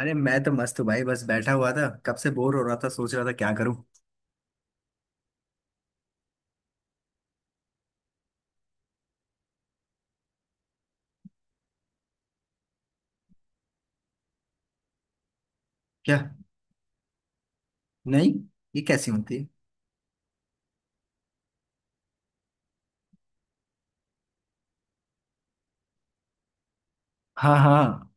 अरे मैं तो मस्त हूँ भाई। बस बैठा हुआ था, कब से बोर हो रहा था, सोच रहा था क्या करूँ। क्या? नहीं। ये कैसी होती है? हाँ हाँ।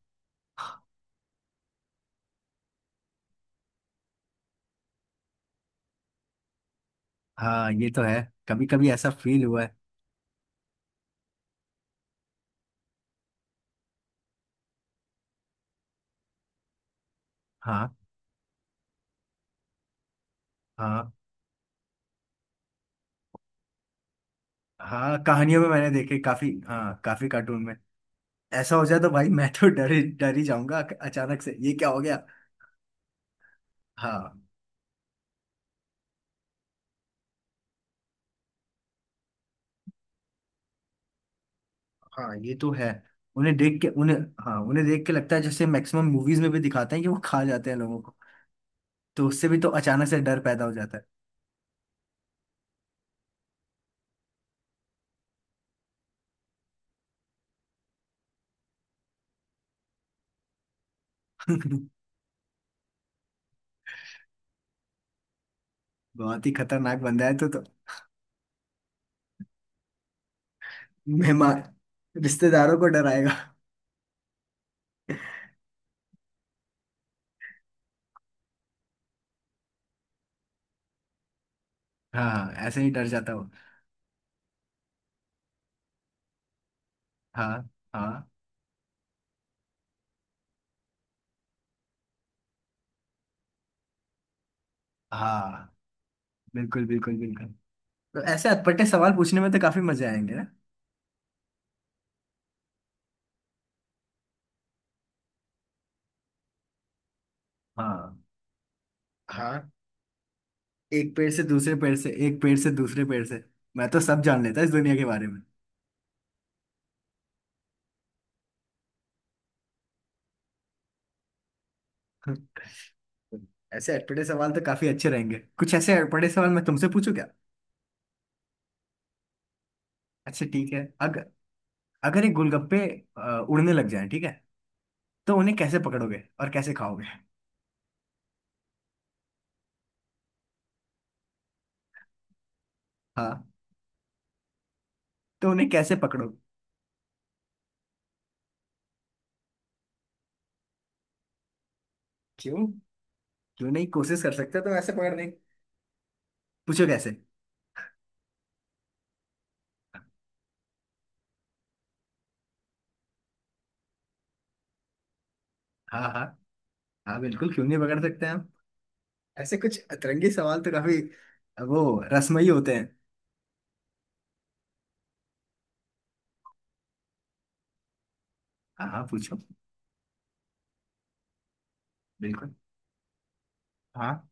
हाँ ये तो है, कभी कभी ऐसा फील हुआ है। हाँ हाँ। हाँ कहानियों में मैंने देखे काफी, हाँ काफी कार्टून में। ऐसा हो जाए तो भाई मैं तो डर ही जाऊंगा। अचानक से ये क्या हो गया। हाँ हाँ ये तो है। उन्हें देख के उन्हें। हाँ उन्हें देख के लगता है जैसे मैक्सिमम मूवीज में भी दिखाते हैं कि वो खा जाते हैं लोगों को। तो उससे भी तो अचानक से डर पैदा हो जाता है। बहुत ही खतरनाक बंदा है तो। मेहमान रिश्तेदारों को डराएगा। हाँ ऐसे ही डर जाता हूँ। हाँ हाँ। हाँ बिल्कुल बिल्कुल बिल्कुल। तो ऐसे अटपटे सवाल पूछने में तो काफी मजे आएंगे ना। हाँ हाँ। एक पेड़ से दूसरे पेड़ से, एक पेड़ से दूसरे पेड़ से। मैं तो सब जान लेता इस दुनिया के बारे में। ऐसे अटपटे सवाल तो काफी अच्छे रहेंगे। कुछ ऐसे अटपटे सवाल मैं तुमसे पूछूं क्या? अच्छा ठीक है। अगर, अगर ये गोलगप्पे उड़ने लग जाएं ठीक है, तो उन्हें कैसे पकड़ोगे और कैसे खाओगे? हाँ, तो उन्हें कैसे पकड़ोगे? क्यों? क्यों नहीं कोशिश कर सकते तो ऐसे पकड़ने की। पूछो कैसे। हाँ हाँ। हाँ बिल्कुल, क्यों नहीं पकड़ सकते हैं हम। ऐसे कुछ अतरंगी सवाल तो काफी, वो रसमयी होते हैं। हाँ हाँ पूछो। बिल्कुल। हाँ।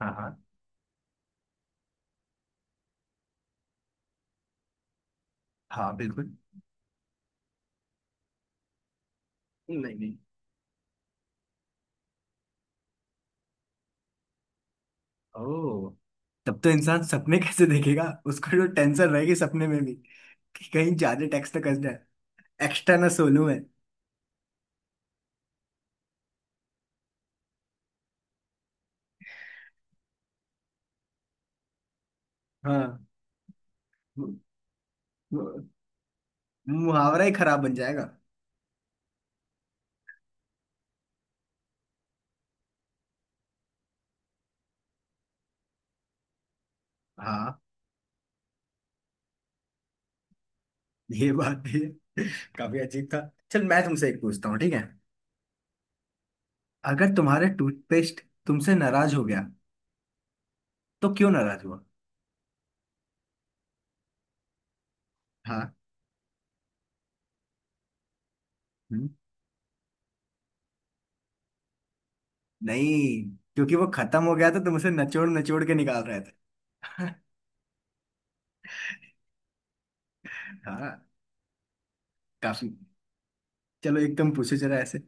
हाँ हाँ। हाँ बिल्कुल। नहीं नहीं। ओ। तब तो इंसान सपने कैसे देखेगा? उसको जो टेंशन रहेगी सपने में भी, कि कहीं ज्यादा टैक्स तो कस जाए। एक्स्ट्रा ना सोलू है। हाँ। मु- मु- मुहावरा ही खराब बन जाएगा। हाँ ये बात भी है। काफी अजीब था। चल मैं तुमसे एक पूछता हूँ ठीक है। अगर तुम्हारा टूथपेस्ट तुमसे नाराज हो गया, तो क्यों नाराज हुआ? हाँ। हम्म, नहीं। क्योंकि वो खत्म हो गया था, तुमसे नचोड़ नचोड़ के निकाल रहे थे। हाँ काफी। चलो एक तुम पूछो जरा ऐसे।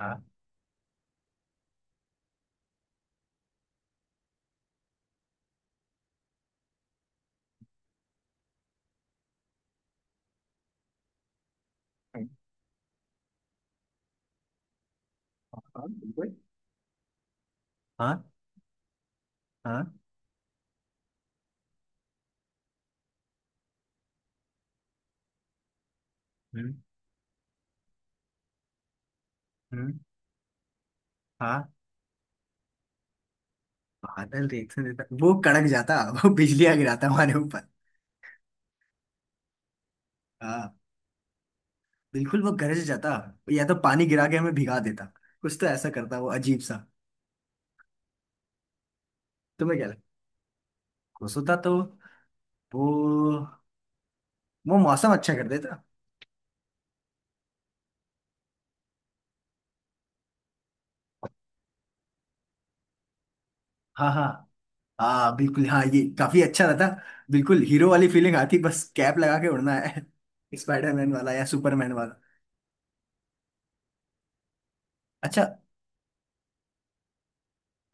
हाँ हाँ। हाँ, बिल्कुल। हाँ। हाँ। हम्म। हम्म। हाँ। बादल रिएक्शन देता, वो कड़क जाता। वो बिजलियां गिराता हमारे ऊपर। हाँ। बिल्कुल वो गरज जाता। या तो पानी गिरा के हमें भिगा देता। कुछ तो ऐसा करता वो अजीब सा। तुम्हें क्या लगता? खुश होता तो, वो वो मौसम अच्छा कर देता। हाँ हाँ। हाँ बिल्कुल, हाँ ये काफी अच्छा रहता। बिल्कुल हीरो वाली फीलिंग आती, बस कैप लगा के उड़ना है। स्पाइडरमैन वाला या सुपरमैन वाला? अच्छा।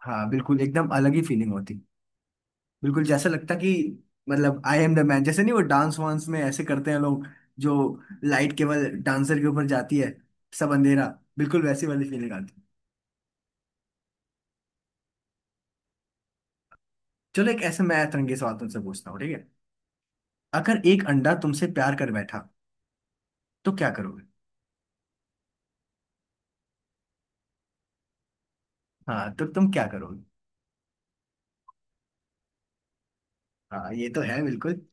हाँ बिल्कुल एकदम अलग ही फीलिंग होती। बिल्कुल जैसा लगता कि, मतलब आई एम द मैन जैसे। नहीं, वो डांस वांस में ऐसे करते हैं लोग, जो लाइट केवल डांसर के ऊपर जाती है, सब अंधेरा। बिल्कुल वैसी वाली फीलिंग आती। चलो एक ऐसे मैं तिरंगे सवाल तुमसे पूछता हूँ ठीक है। अगर एक अंडा तुमसे प्यार कर बैठा तो क्या करोगे? हाँ, तो तुम क्या करोगे? हाँ ये तो है बिल्कुल।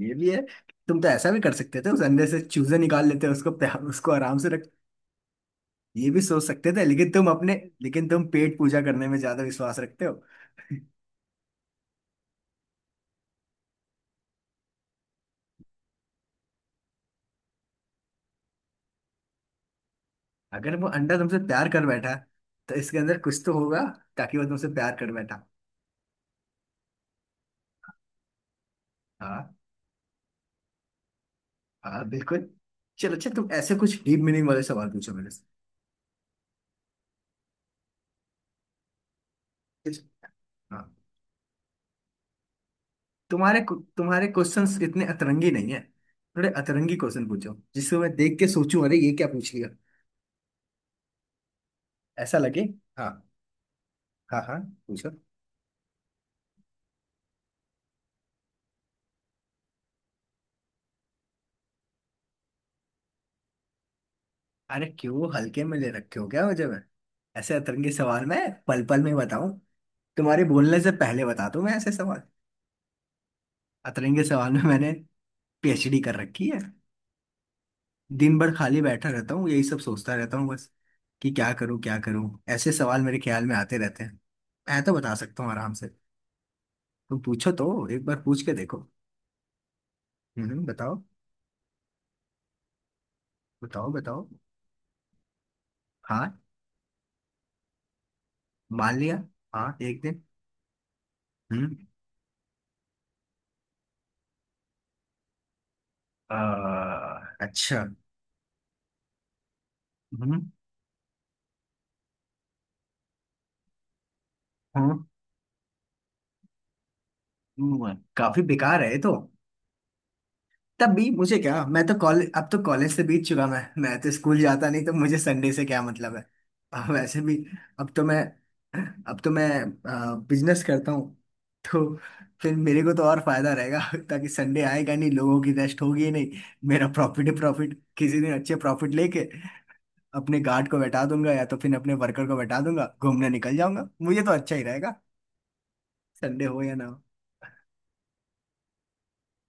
ये भी है। तुम तो ऐसा भी कर सकते थे, उस अंदर से चूजे निकाल लेते, उसको उसको आराम से रख। ये भी सोच सकते थे, लेकिन तुम अपने, लेकिन तुम पेट पूजा करने में ज्यादा विश्वास रखते हो। अगर वो अंडा तुमसे प्यार कर बैठा, तो इसके अंदर कुछ तो होगा, ताकि वो तुमसे प्यार कर बैठा। हाँ। हाँ बिल्कुल। चलो अच्छा, तुम ऐसे कुछ डीप मीनिंग वाले सवाल पूछो मेरे से। इस- हाँ। तुम्हारे क्वेश्चंस इतने अतरंगी नहीं है, थोड़े अतरंगी क्वेश्चन पूछो जिसको मैं देख के सोचूं अरे ये क्या पूछ लिया, ऐसा लगे। हाँ हाँ हाँ पूछो। अरे क्यों हल्के में ले रखे हो क्या मुझे? मैं ऐसे अतरंगी सवाल मैं पल पल में बताऊं, तुम्हारे बोलने से पहले बता दूं मैं ऐसे सवाल। अतरंगी सवाल में मैंने पीएचडी कर रखी है। दिन भर खाली बैठा रहता हूँ, यही सब सोचता रहता हूँ बस, कि क्या करूँ क्या करूँ। ऐसे सवाल मेरे ख्याल में आते रहते हैं। मैं तो बता सकता हूँ आराम से। तुम पूछो तो। एक बार पूछ के देखो। बताओ बताओ बताओ। हाँ मान लिया। हाँ एक दिन। हम्म। आ, अच्छा। हम्म। हाँ हुआ है। काफी बेकार है ये तो। तब भी मुझे क्या? मैं तो कॉलेज, अब तो कॉलेज से बीत चुका, मैं तो स्कूल जाता नहीं, तो मुझे संडे से क्या मतलब है। और वैसे भी, अब तो मैं अब तो मैं बिजनेस करता हूँ, तो फिर मेरे को तो और फायदा रहेगा, ताकि संडे आएगा नहीं, लोगों की रेस्ट होगी ही नहीं। मेरा प्रॉफिट ही प्रॉफिट। किसी दिन अच्छे प्रॉफिट लेके अपने गार्ड को बैठा दूंगा, या तो फिर अपने वर्कर को बैठा दूंगा, घूमने निकल जाऊंगा, मुझे तो अच्छा ही रहेगा। संडे हो या ना हो।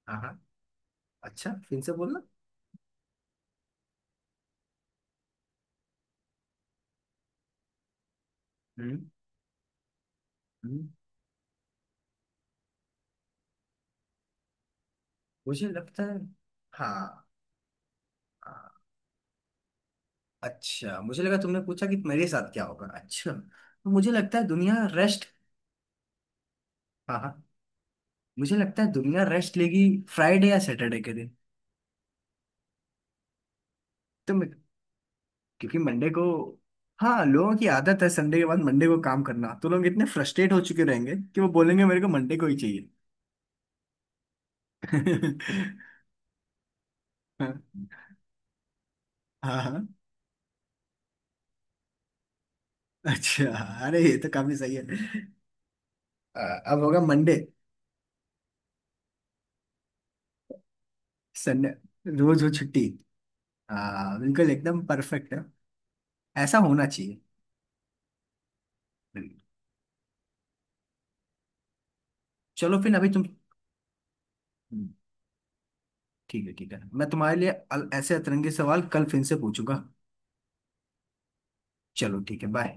हाँ हाँ। अच्छा फिर से बोलना। हम्म। हम्म। मुझे लगता है। हाँ। हाँ, अच्छा मुझे लगा तुमने पूछा कि मेरे साथ क्या होगा। अच्छा तो मुझे लगता है दुनिया रेस्ट। हाँ हाँ। मुझे लगता है दुनिया रेस्ट लेगी फ्राइडे या सैटरडे के दिन। तो मैं, क्योंकि मंडे को, हाँ लोगों की आदत है संडे के बाद मंडे को काम करना, तो लोग इतने फ्रस्ट्रेट हो चुके रहेंगे कि वो बोलेंगे मेरे को मंडे को ही चाहिए। हाँ हाँ। अच्छा। अरे ये तो काफी सही है। अ, अब होगा मंडे। संडे रोज हो छुट्टी। हाँ बिल्कुल एकदम परफेक्ट है। ऐसा होना चाहिए। बिल्कुल। चलो फिर अभी तुम। ठीक है ठीक है। मैं तुम्हारे लिए ऐसे अतरंगी सवाल कल फिर से पूछूंगा। चलो ठीक है बाय।